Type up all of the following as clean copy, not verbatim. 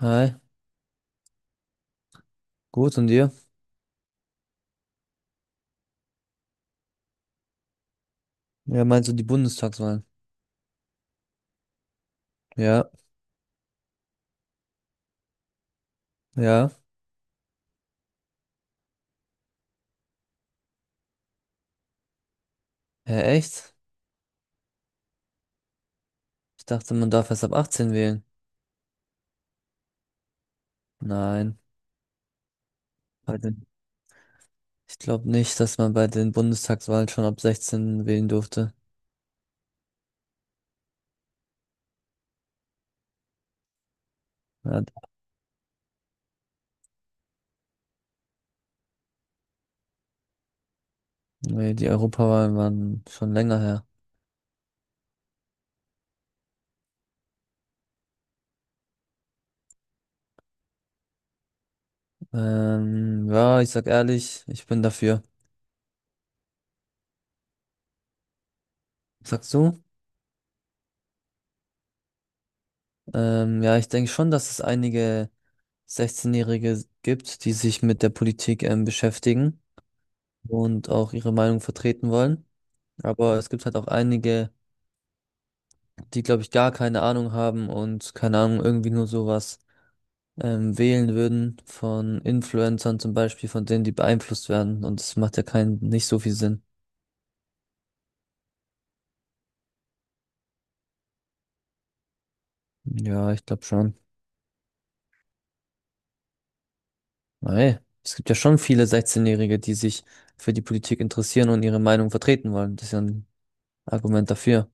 Hi, gut und dir? Ja, meinst du die Bundestagswahlen? Ja, ja. Hä, echt? Ich dachte, man darf erst ab 18 wählen. Nein, bei den, ich glaube nicht, dass man bei den Bundestagswahlen schon ab 16 wählen durfte. Ja, nee, die Europawahlen waren schon länger her. Ja, ich sag ehrlich, ich bin dafür. Sagst du? Ja, ich denke schon, dass es einige 16-Jährige gibt, die sich mit der Politik beschäftigen und auch ihre Meinung vertreten wollen. Aber es gibt halt auch einige, die, glaube ich, gar keine Ahnung haben und keine Ahnung, irgendwie nur sowas wählen würden von Influencern zum Beispiel, von denen, die beeinflusst werden. Und das macht ja keinen, nicht so viel Sinn. Ja, ich glaube schon. Weil es gibt ja schon viele 16-Jährige, die sich für die Politik interessieren und ihre Meinung vertreten wollen. Das ist ja ein Argument dafür.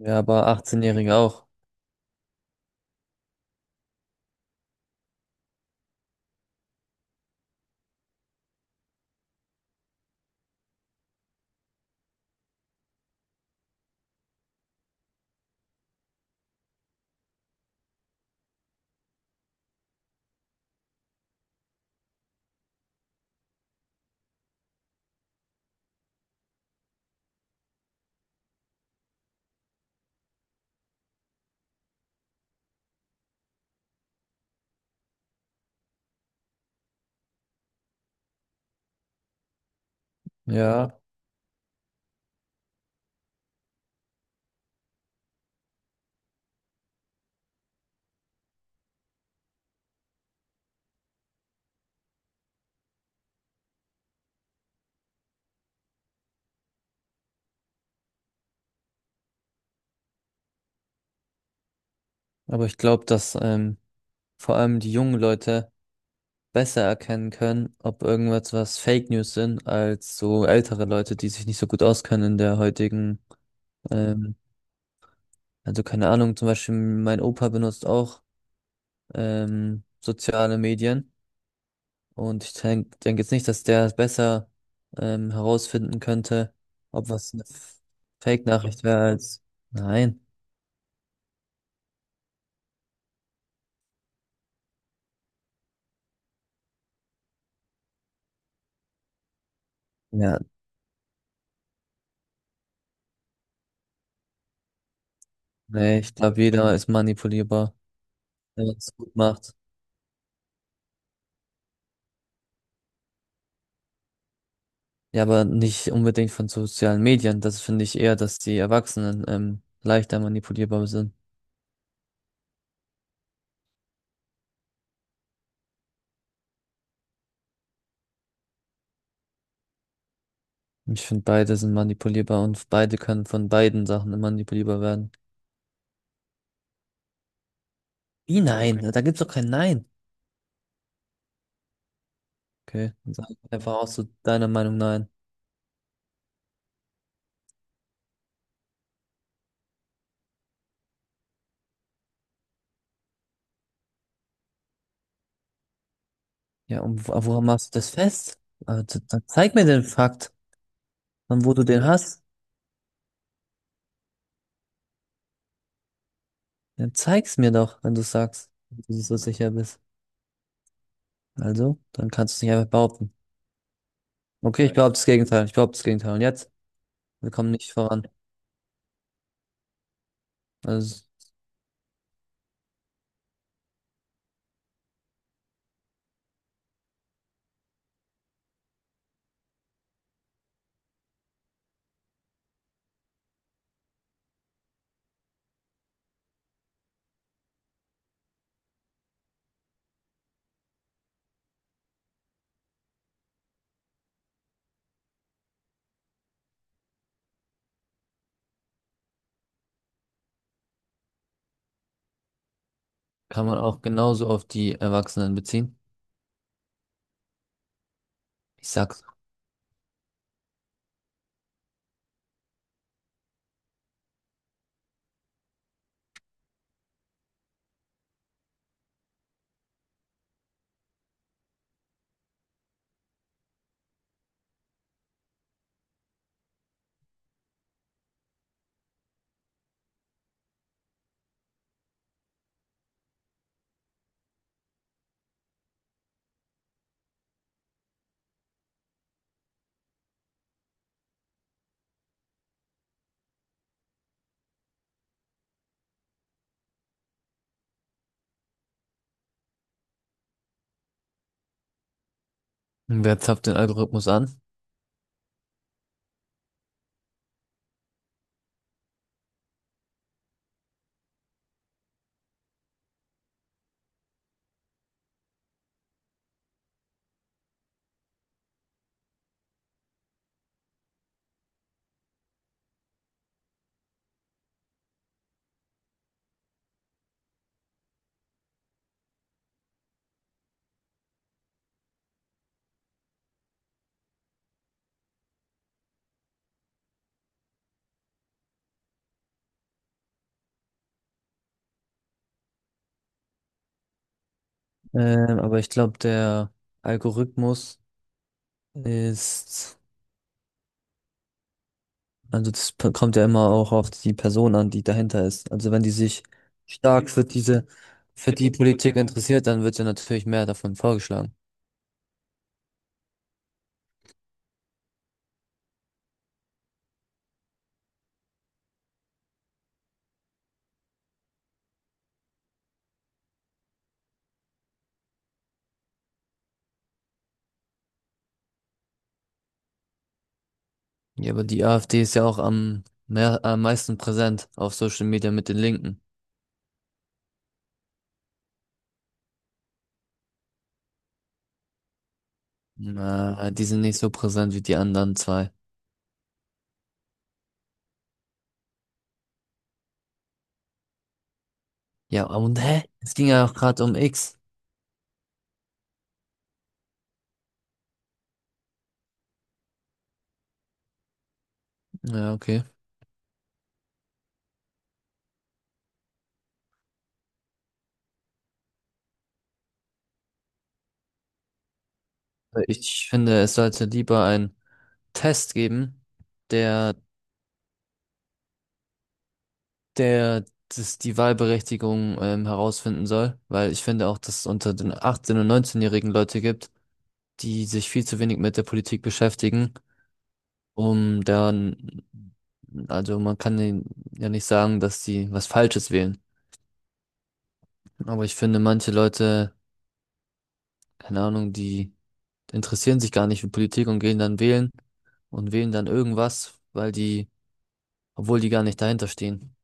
Ja, aber 18-Jährige auch. Ja, aber ich glaube, dass vor allem die jungen Leute besser erkennen können, ob irgendwas was Fake News sind, als so ältere Leute, die sich nicht so gut auskennen in der heutigen, ähm, also keine Ahnung, zum Beispiel mein Opa benutzt auch soziale Medien und ich denke denk denk jetzt nicht, dass der besser herausfinden könnte, ob was eine Fake-Nachricht wäre als nein. Ja, nee, ich glaube, jeder ist manipulierbar, wenn er es gut macht. Ja, aber nicht unbedingt von sozialen Medien. Das finde ich eher, dass die Erwachsenen leichter manipulierbar sind. Ich finde, beide sind manipulierbar und beide können von beiden Sachen manipulierbar werden. Wie nein? Okay. Da gibt's doch kein Nein. Okay, dann sag einfach auch so deiner Meinung nein. Ja, und woran machst du das fest? Also, dann zeig mir den Fakt, von wo du den hast. Dann zeig's mir doch, wenn du sagst, wenn du dir so sicher bist. Also, dann kannst du es nicht einfach behaupten. Okay, ich Ja. behaupte das Gegenteil. Ich behaupte das Gegenteil. Und jetzt? Wir kommen nicht voran. Also kann man auch genauso auf die Erwachsenen beziehen. Ich sag's. Wer zapft den Algorithmus an? Aber ich glaube, der Algorithmus ist, also das kommt ja immer auch auf die Person an, die dahinter ist. Also wenn die sich stark für diese, für die Politik interessiert, dann wird ja natürlich mehr davon vorgeschlagen. Ja, aber die AfD ist ja auch am, mehr, am meisten präsent auf Social Media mit den Linken. Na, die sind nicht so präsent wie die anderen zwei. Ja, und hä? Es ging ja auch gerade um X. Ja, okay. Ich finde, es sollte lieber ein Test geben, der, der das, die Wahlberechtigung herausfinden soll, weil ich finde auch, dass es unter den 18- und 19-jährigen Leute gibt, die sich viel zu wenig mit der Politik beschäftigen, um dann, also man kann ihnen ja nicht sagen, dass sie was Falsches wählen. Aber ich finde, manche Leute, keine Ahnung, die interessieren sich gar nicht für Politik und gehen dann wählen und wählen dann irgendwas, weil die obwohl die gar nicht dahinter stehen.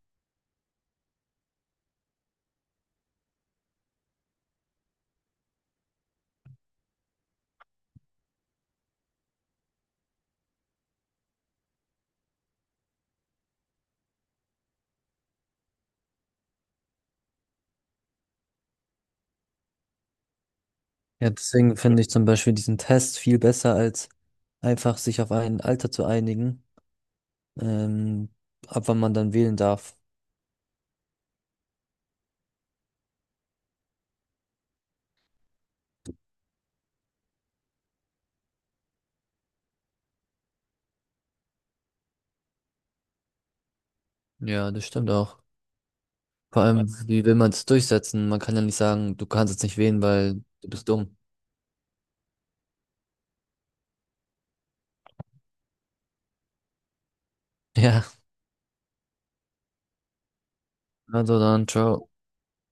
Ja, deswegen finde ich zum Beispiel diesen Test viel besser, als einfach sich auf ein Alter zu einigen, ähm, ab wann man dann wählen darf. Ja, das stimmt auch. Vor allem, wie will man es durchsetzen? Man kann ja nicht sagen, du kannst jetzt nicht wählen, weil du bist dumm. Ja, also dann, ciao.